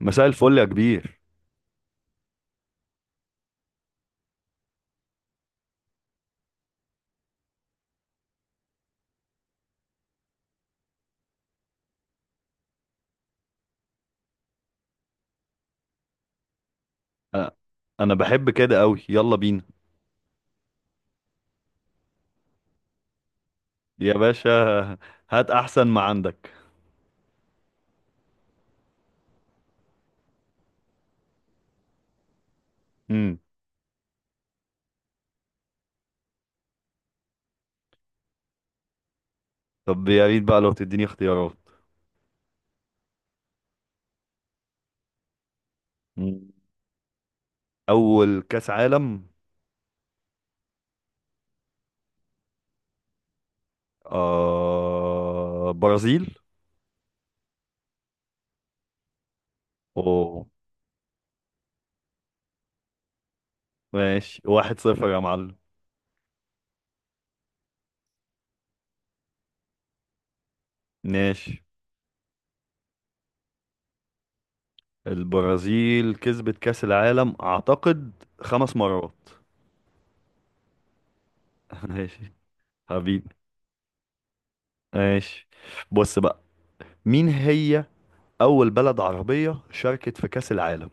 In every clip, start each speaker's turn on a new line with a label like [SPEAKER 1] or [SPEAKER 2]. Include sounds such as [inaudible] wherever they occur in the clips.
[SPEAKER 1] مساء الفل يا كبير. أ- انا بحب كده قوي، يلا بينا. يا باشا، هات احسن ما عندك. امم طب يا ريت بقى لو تديني اختيارات. مم. اول كاس عالم. برازيل. اوه. ماشي، 1-0 يا معلم. ماشي. البرازيل كسبت كاس العالم اعتقد 5 مرات. [laughs] ماشي. حبيبي، ماشي، بص بقى. مين هي اول بلد عربية شاركت في كاس العالم؟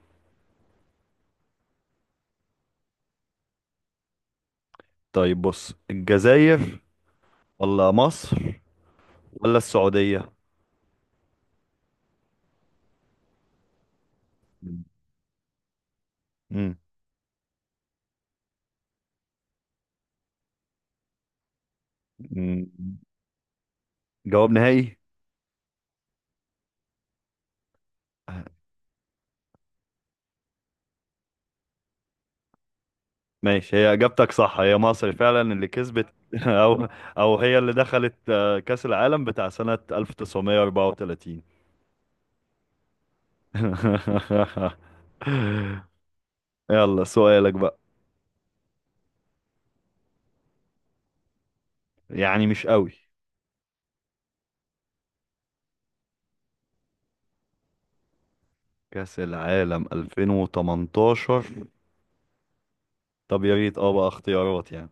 [SPEAKER 1] طيب بص، الجزائر ولا مصر ولا السعودية؟ مم. مم. جواب نهائي. ماشي، هي اجابتك صح، هي مصر فعلا اللي كسبت. [laughs] او او هي اللي دخلت كأس العالم بتاع سنة 1934. [laughs] يلا سؤالك بقى. يعني مش قوي. كأس العالم 2018؟ طب يا ريت اه بقى اختيارات يعني.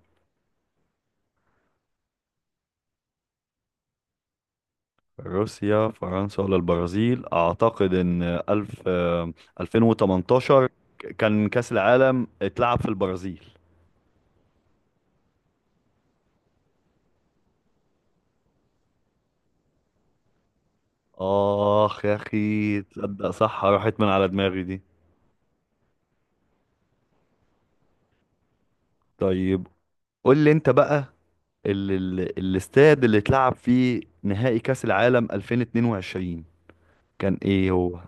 [SPEAKER 1] روسيا، فرنسا ولا البرازيل؟ اعتقد ان الف آه، 2018 كان كأس العالم اتلعب في البرازيل. اخ يا اخي، تصدق صح راحت من على دماغي دي. طيب قول لي انت بقى، ال الاستاد اللي اتلعب فيه نهائي كأس العالم 2022 كان ايه هو؟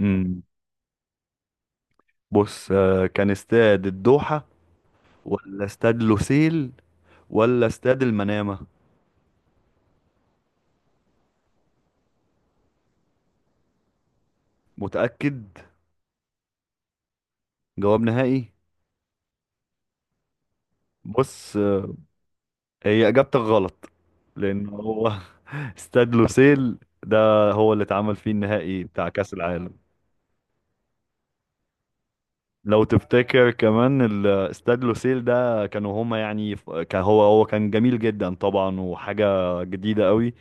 [SPEAKER 1] امم بص، كان استاد الدوحة ولا استاد لوسيل ولا استاد المنامة؟ متأكد؟ جواب نهائي. بص، هي اجابتك غلط، لان هو [laughs] استاد لوسيل ده هو اللي اتعمل فيه النهائي بتاع كأس العالم. لو تفتكر كمان استاد لوسيل ده، كانوا هما يعني كان هو كان جميل جدا طبعا، وحاجة جديدة قوي.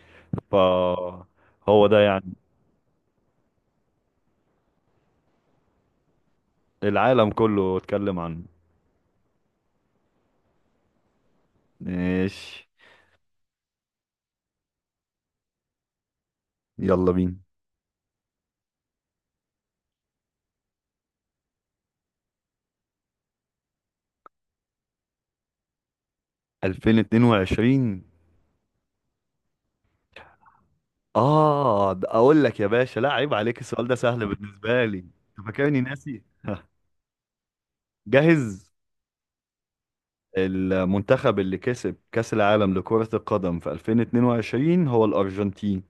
[SPEAKER 1] فهو ده يعني. العالم كله اتكلم عنه. ماشي. يلا بينا. 2022. اه، ده اقول لك يا باشا، لا عيب عليك، السؤال ده سهل بالنسبة لي، انت فاكرني ناسي؟ جاهز. المنتخب اللي كسب كأس العالم لكرة القدم في 2022 هو الأرجنتين.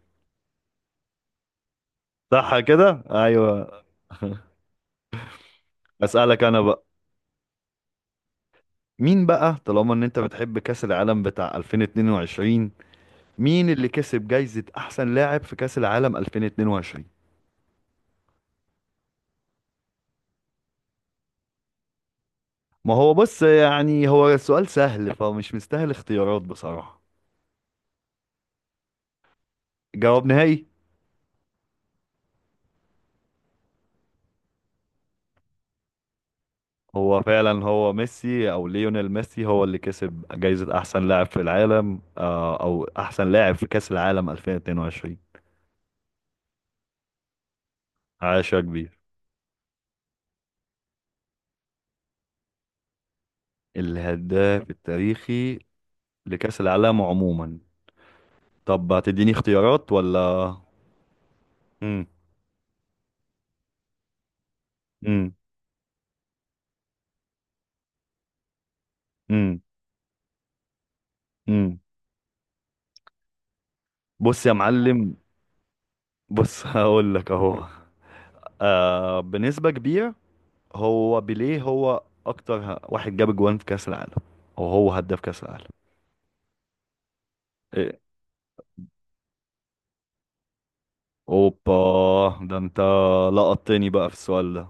[SPEAKER 1] صح كده؟ أيوه. [laughs] أسألك أنا بقى. مين بقى طالما إن أنت بتحب كأس العالم بتاع 2022؟ مين اللي كسب جايزة أحسن لاعب في كأس العالم 2022؟ ما هو بص، يعني هو السؤال سهل فمش مستاهل اختيارات بصراحة. جواب نهائي. هو فعلا هو ميسي، او ليونيل ميسي، هو اللي كسب جايزة احسن لاعب في العالم، او احسن لاعب في كأس العالم 2022. عاش يا كبير. الهداف التاريخي لكأس العالم عموما. طب هتديني اختيارات ولا؟ امم. امم. امم. امم. بص يا معلم، بص، [laughs] هقول لك اهو. بنسبة كبيرة هو بيليه، هو اكتر واحد جاب جوان في كأس العالم، وهو هداف كأس العالم. اوبا، ده انت لقطتني بقى في السؤال ده.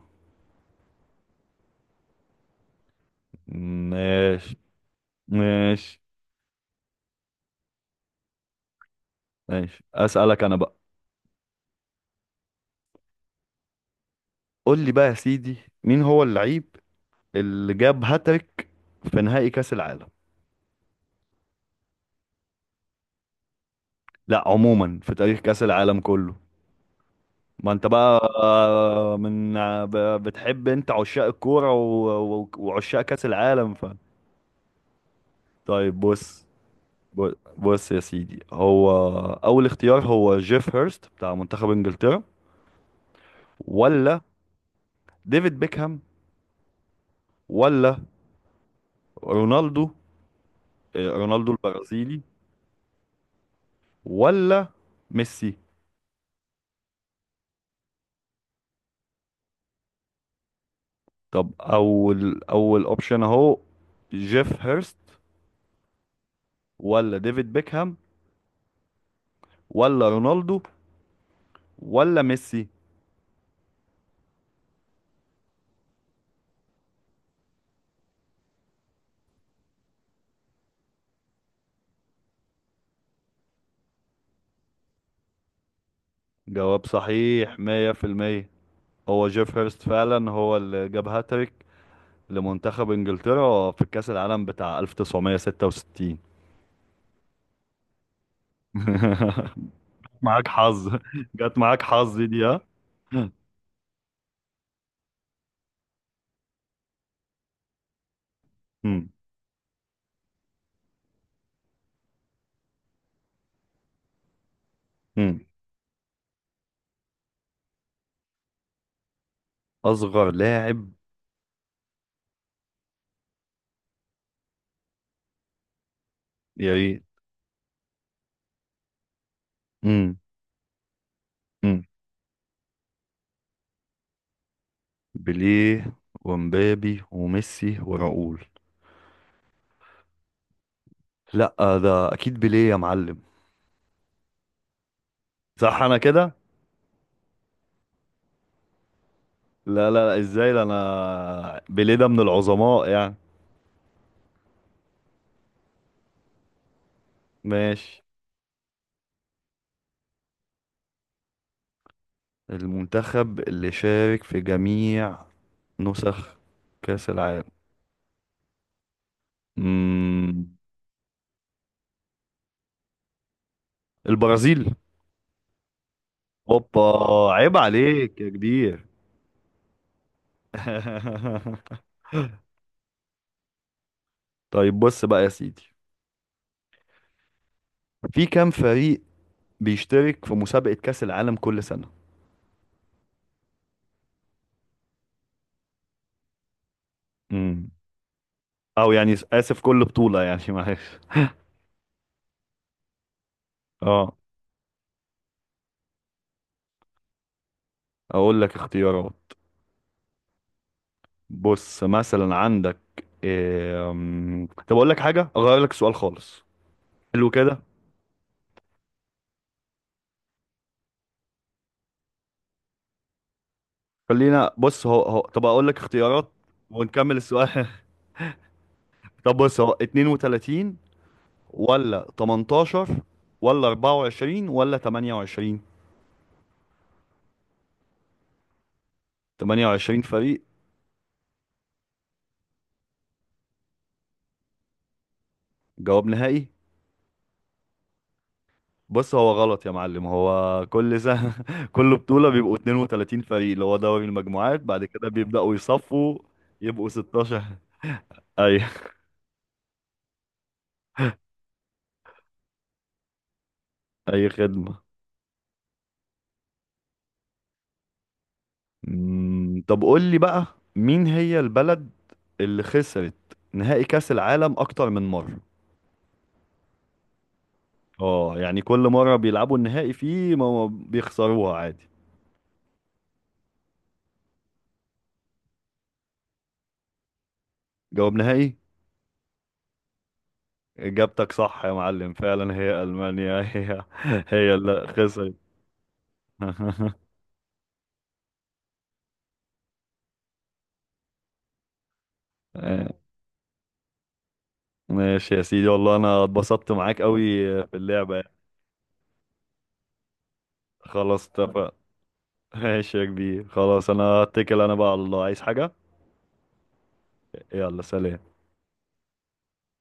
[SPEAKER 1] ماشي. ماشي. ماشي، اسألك انا بقى. قول لي بقى يا سيدي، مين هو اللعيب اللي جاب هاتريك في نهائي كأس العالم؟ لا، عموما في تاريخ كأس العالم كله. ما انت بقى من بتحب انت عشاق الكورة وعشاق كأس العالم ف. طيب بص، بص بص يا سيدي، هو اول اختيار هو جيف هيرست بتاع منتخب انجلترا، ولا ديفيد بيكهام، ولا رونالدو، رونالدو البرازيلي، ولا ميسي؟ طب اول اوبشن اهو جيف هيرست ولا ديفيد بيكهام ولا رونالدو ولا ميسي؟ جواب صحيح 100%. هو جيف هيرست فعلا هو اللي جاب هاتريك لمنتخب انجلترا في كأس العالم بتاع 1966. [laughs] معاك حظ، جت معاك حظ دي ها. [laughs] مم. مم. اصغر لاعب. يا ريت. امم. امم. بيليه ومبابي وميسي وراؤول؟ لا، ده اكيد بيليه يا معلم. صح، انا كده. لا لا لا، ازاي؟ ده انا بيليه ده من العظماء يعني. ماشي. المنتخب اللي شارك في جميع نسخ كأس العالم. امم. البرازيل. اوبا، عيب عليك يا كبير. [laughs] طيب بص بقى يا سيدي، في كام فريق بيشترك في مسابقة كأس العالم كل سنة؟ امم او يعني اسف، كل بطولة يعني، [laughs] معلش. اه. اقول لك اختيارات. بص مثلا عندك إيه... أم، طب اقول لك حاجة، اغير لك السؤال خالص. حلو كده. خلينا بص، هو هو طب اقول لك اختيارات ونكمل السؤال. [laughs] طب بص، هو 32 ولا 18 ولا 24 ولا 28؟ 28 فريق. جواب نهائي. بص هو غلط يا معلم، هو كل سنة، [laughs] كل بطولة بيبقوا 32 فريق اللي هو دوري المجموعات، بعد كده بيبدأوا يصفوا، يبقوا 16. أي أي خدمة. طب قول لي بقى، مين هي البلد اللي خسرت نهائي كأس العالم أكتر من مرة؟ اه يعني كل مرة بيلعبوا النهائي فيه ما بيخسروها عادي. جواب نهائي. إجابتك صح يا معلم، فعلا هي ألمانيا، [laughs] هي هي اللي خسرت. [laughs] ماشي يا سيدي، والله انا اتبسطت معاك قوي في اللعبة يعني. خلاص، اتفق. ماشي يا كبير، خلاص انا هتكل انا بقى على الله، عايز حاجة. يلا سلام.